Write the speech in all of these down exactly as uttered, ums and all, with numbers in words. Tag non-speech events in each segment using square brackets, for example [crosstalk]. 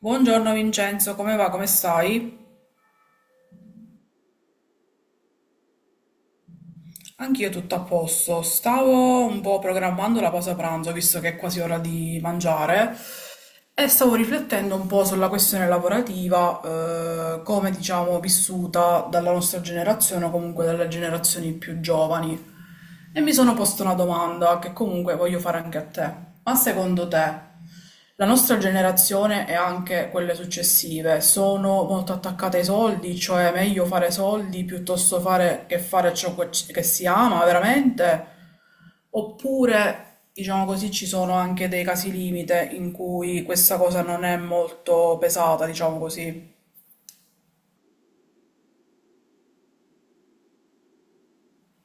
Buongiorno Vincenzo, come va? Come stai? Anch'io tutto a posto. Stavo un po' programmando la pausa pranzo, visto che è quasi ora di mangiare, e stavo riflettendo un po' sulla questione lavorativa, eh, come diciamo vissuta dalla nostra generazione o comunque dalle generazioni più giovani. E mi sono posto una domanda che comunque voglio fare anche a te. Ma secondo te la nostra generazione e anche quelle successive sono molto attaccate ai soldi? Cioè è meglio fare soldi piuttosto fare che fare ciò che che si ama veramente? Oppure, diciamo così, ci sono anche dei casi limite in cui questa cosa non è molto pesata, diciamo così.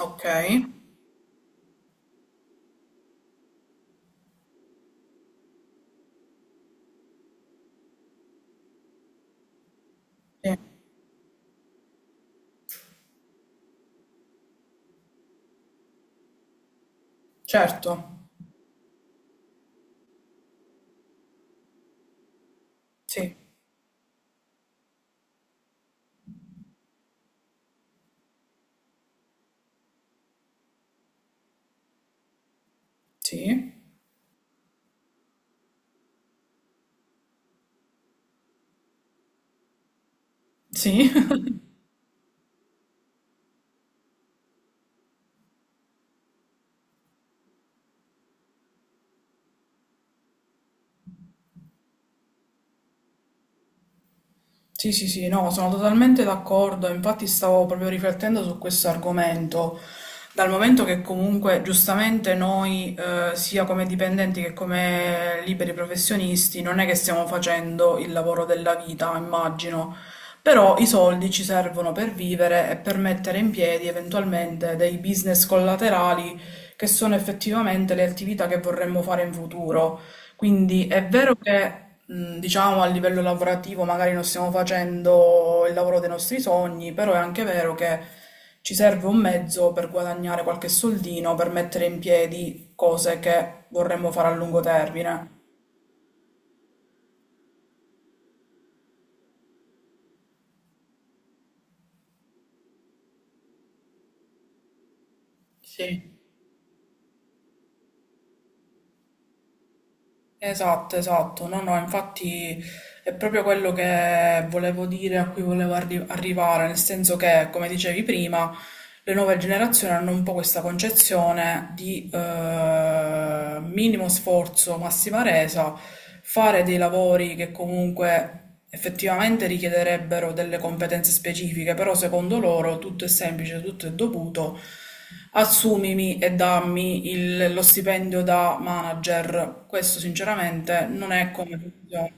Ok? Sì. Certo. Sì. Sì. Sì. Sì, sì, sì, no, sono totalmente d'accordo, infatti stavo proprio riflettendo su questo argomento, dal momento che comunque giustamente noi, eh, sia come dipendenti che come liberi professionisti, non è che stiamo facendo il lavoro della vita, immagino, però i soldi ci servono per vivere e per mettere in piedi eventualmente dei business collaterali che sono effettivamente le attività che vorremmo fare in futuro. Quindi è vero che, mh, diciamo, a livello lavorativo magari non stiamo facendo il lavoro dei nostri sogni, però è anche vero che ci serve un mezzo per guadagnare qualche soldino, per mettere in piedi cose che vorremmo fare a lungo termine. Sì. Esatto, esatto. No, no, infatti è proprio quello che volevo dire, a cui volevo arri- arrivare, nel senso che, come dicevi prima, le nuove generazioni hanno un po' questa concezione di eh, minimo sforzo, massima resa, fare dei lavori che comunque effettivamente richiederebbero delle competenze specifiche, però secondo loro tutto è semplice, tutto è dovuto. Assumimi e dammi il- lo stipendio da manager. Questo sinceramente non è come funziona.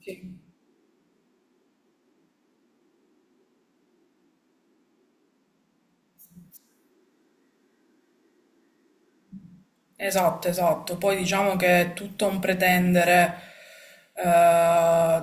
Sì. Esatto, esatto. Poi diciamo che è tutto un pretendere eh,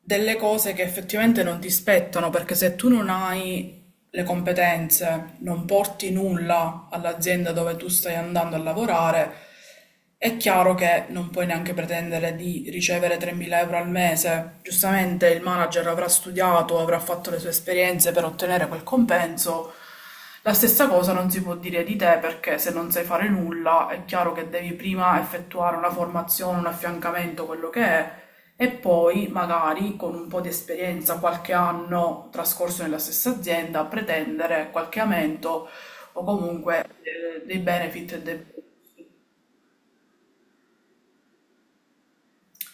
delle cose che effettivamente non ti spettano, perché se tu non hai le competenze, non porti nulla all'azienda dove tu stai andando a lavorare, è chiaro che non puoi neanche pretendere di ricevere tremila euro al mese. Giustamente il manager avrà studiato, avrà fatto le sue esperienze per ottenere quel compenso. La stessa cosa non si può dire di te perché se non sai fare nulla è chiaro che devi prima effettuare una formazione, un affiancamento, quello che è, e poi magari con un po' di esperienza, qualche anno trascorso nella stessa azienda, pretendere qualche aumento o comunque eh, dei benefit e dei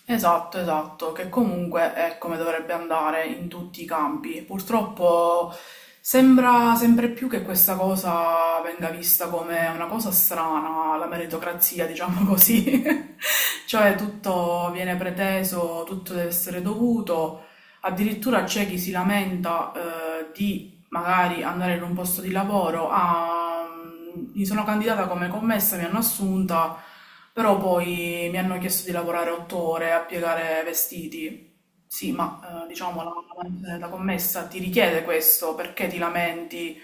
Esatto, esatto, che comunque è come dovrebbe andare in tutti i campi. Purtroppo sembra sempre più che questa cosa venga vista come una cosa strana, la meritocrazia, diciamo così. [laughs] Cioè tutto viene preteso, tutto deve essere dovuto. Addirittura c'è chi si lamenta, eh, di magari andare in un posto di lavoro, ah, mm, mi sono candidata come commessa, mi hanno assunta, però poi mi hanno chiesto di lavorare otto ore a piegare vestiti. Sì, ma eh, diciamo la, la commessa ti richiede questo, perché ti lamenti?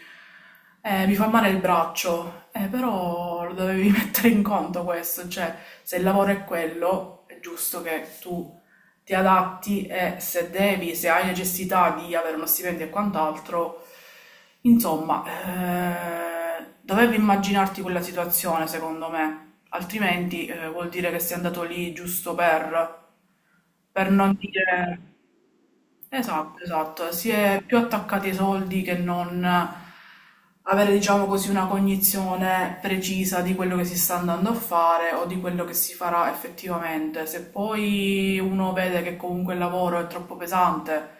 Eh, mi fa male il braccio. Eh, però lo dovevi [laughs] mettere in conto questo, cioè se il lavoro è quello, è giusto che tu ti adatti e se devi, se hai necessità di avere uno stipendio e quant'altro, insomma, eh, dovevi immaginarti quella situazione, secondo me, altrimenti eh, vuol dire che sei andato lì giusto per, per non dire. Esatto, esatto, si è più attaccati ai soldi che non avere, diciamo così, una cognizione precisa di quello che si sta andando a fare o di quello che si farà effettivamente. Se poi uno vede che comunque il lavoro è troppo pesante,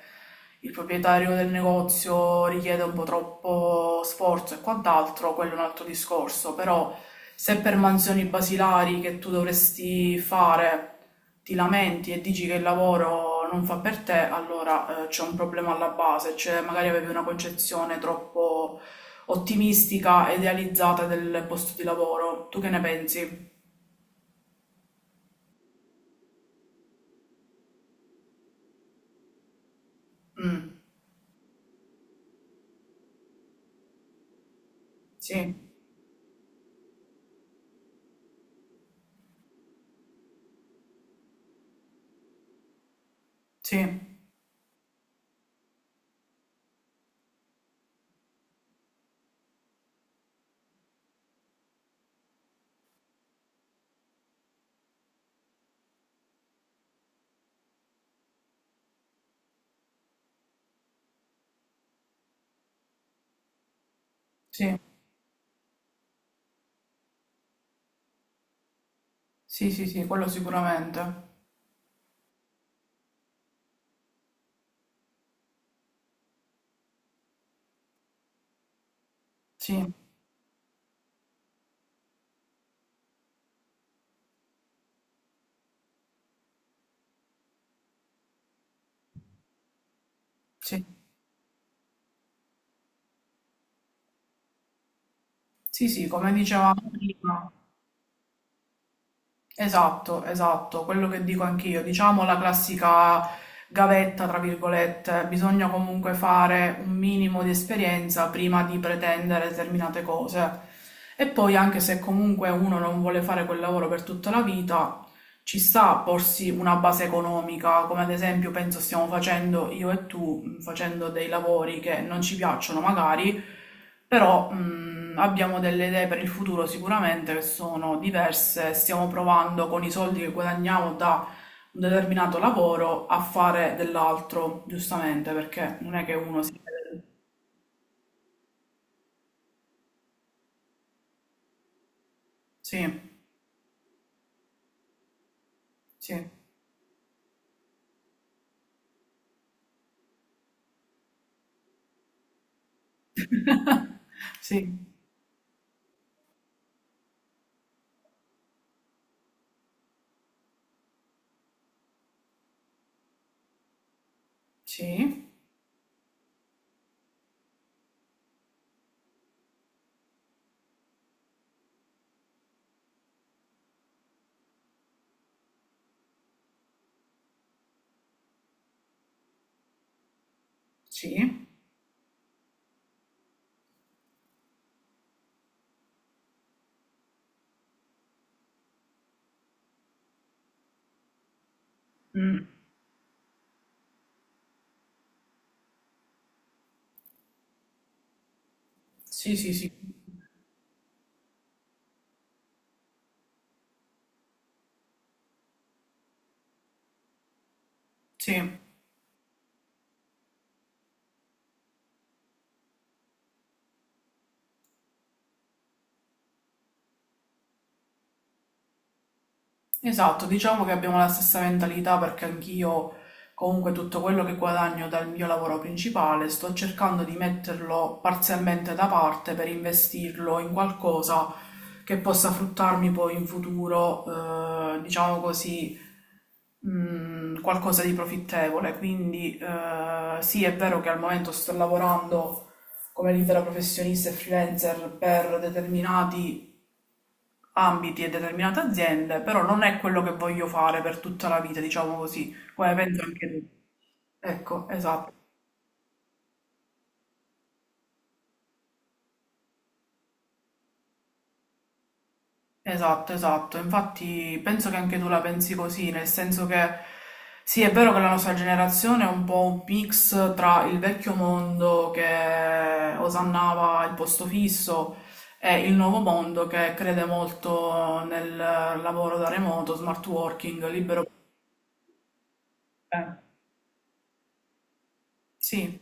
il proprietario del negozio richiede un po' troppo sforzo e quant'altro, quello è un altro discorso, però se per mansioni basilari che tu dovresti fare ti lamenti e dici che il lavoro non fa per te, allora eh, c'è un problema alla base, cioè magari avevi una concezione troppo ottimistica, e idealizzata del posto di lavoro. Tu che ne pensi? Mm, sì, sì, sì, sì, sì, sì, quello sicuramente. Sì, sì, sì, sì, come dicevamo prima. Esatto, esatto, quello che dico anch'io, diciamo la classica gavetta, tra virgolette, bisogna comunque fare un minimo di esperienza prima di pretendere determinate cose. E poi anche se comunque uno non vuole fare quel lavoro per tutta la vita, ci sta a porsi una base economica, come ad esempio penso stiamo facendo io e tu, facendo dei lavori che non ci piacciono magari però mh, abbiamo delle idee per il futuro sicuramente che sono diverse, stiamo provando con i soldi che guadagniamo da un determinato lavoro a fare dell'altro, giustamente, perché non è che uno si... Sì, sì, sì, sì, sì, mm, sì, sì, sì, sì. Esatto, diciamo che abbiamo la stessa mentalità perché anch'io comunque tutto quello che guadagno dal mio lavoro principale sto cercando di metterlo parzialmente da parte per investirlo in qualcosa che possa fruttarmi poi in futuro, eh, diciamo così, mh, qualcosa di profittevole. Quindi eh, sì, è vero che al momento sto lavorando come libera professionista e freelancer per determinati ambiti e determinate aziende, però non è quello che voglio fare per tutta la vita, diciamo così, come penso anche tu. Ecco, esatto, esatto, esatto. Infatti penso che anche tu la pensi così, nel senso che sì, è vero che la nostra generazione è un po' un mix tra il vecchio mondo che osannava il posto fisso e il nuovo mondo che crede molto nel lavoro da remoto, smart working, libero. Eh, sì.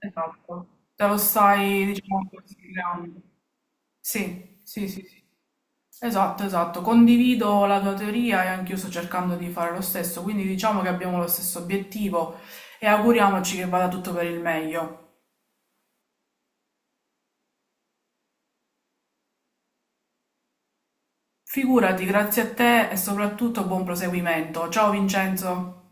Esatto, te lo stai, diciamo, creando. Sì, sì, sì, sì. Esatto, esatto. Condivido la tua teoria e anch'io sto cercando di fare lo stesso, quindi diciamo che abbiamo lo stesso obiettivo e auguriamoci che vada tutto per il meglio. Figurati, grazie a te e soprattutto buon proseguimento. Ciao Vincenzo.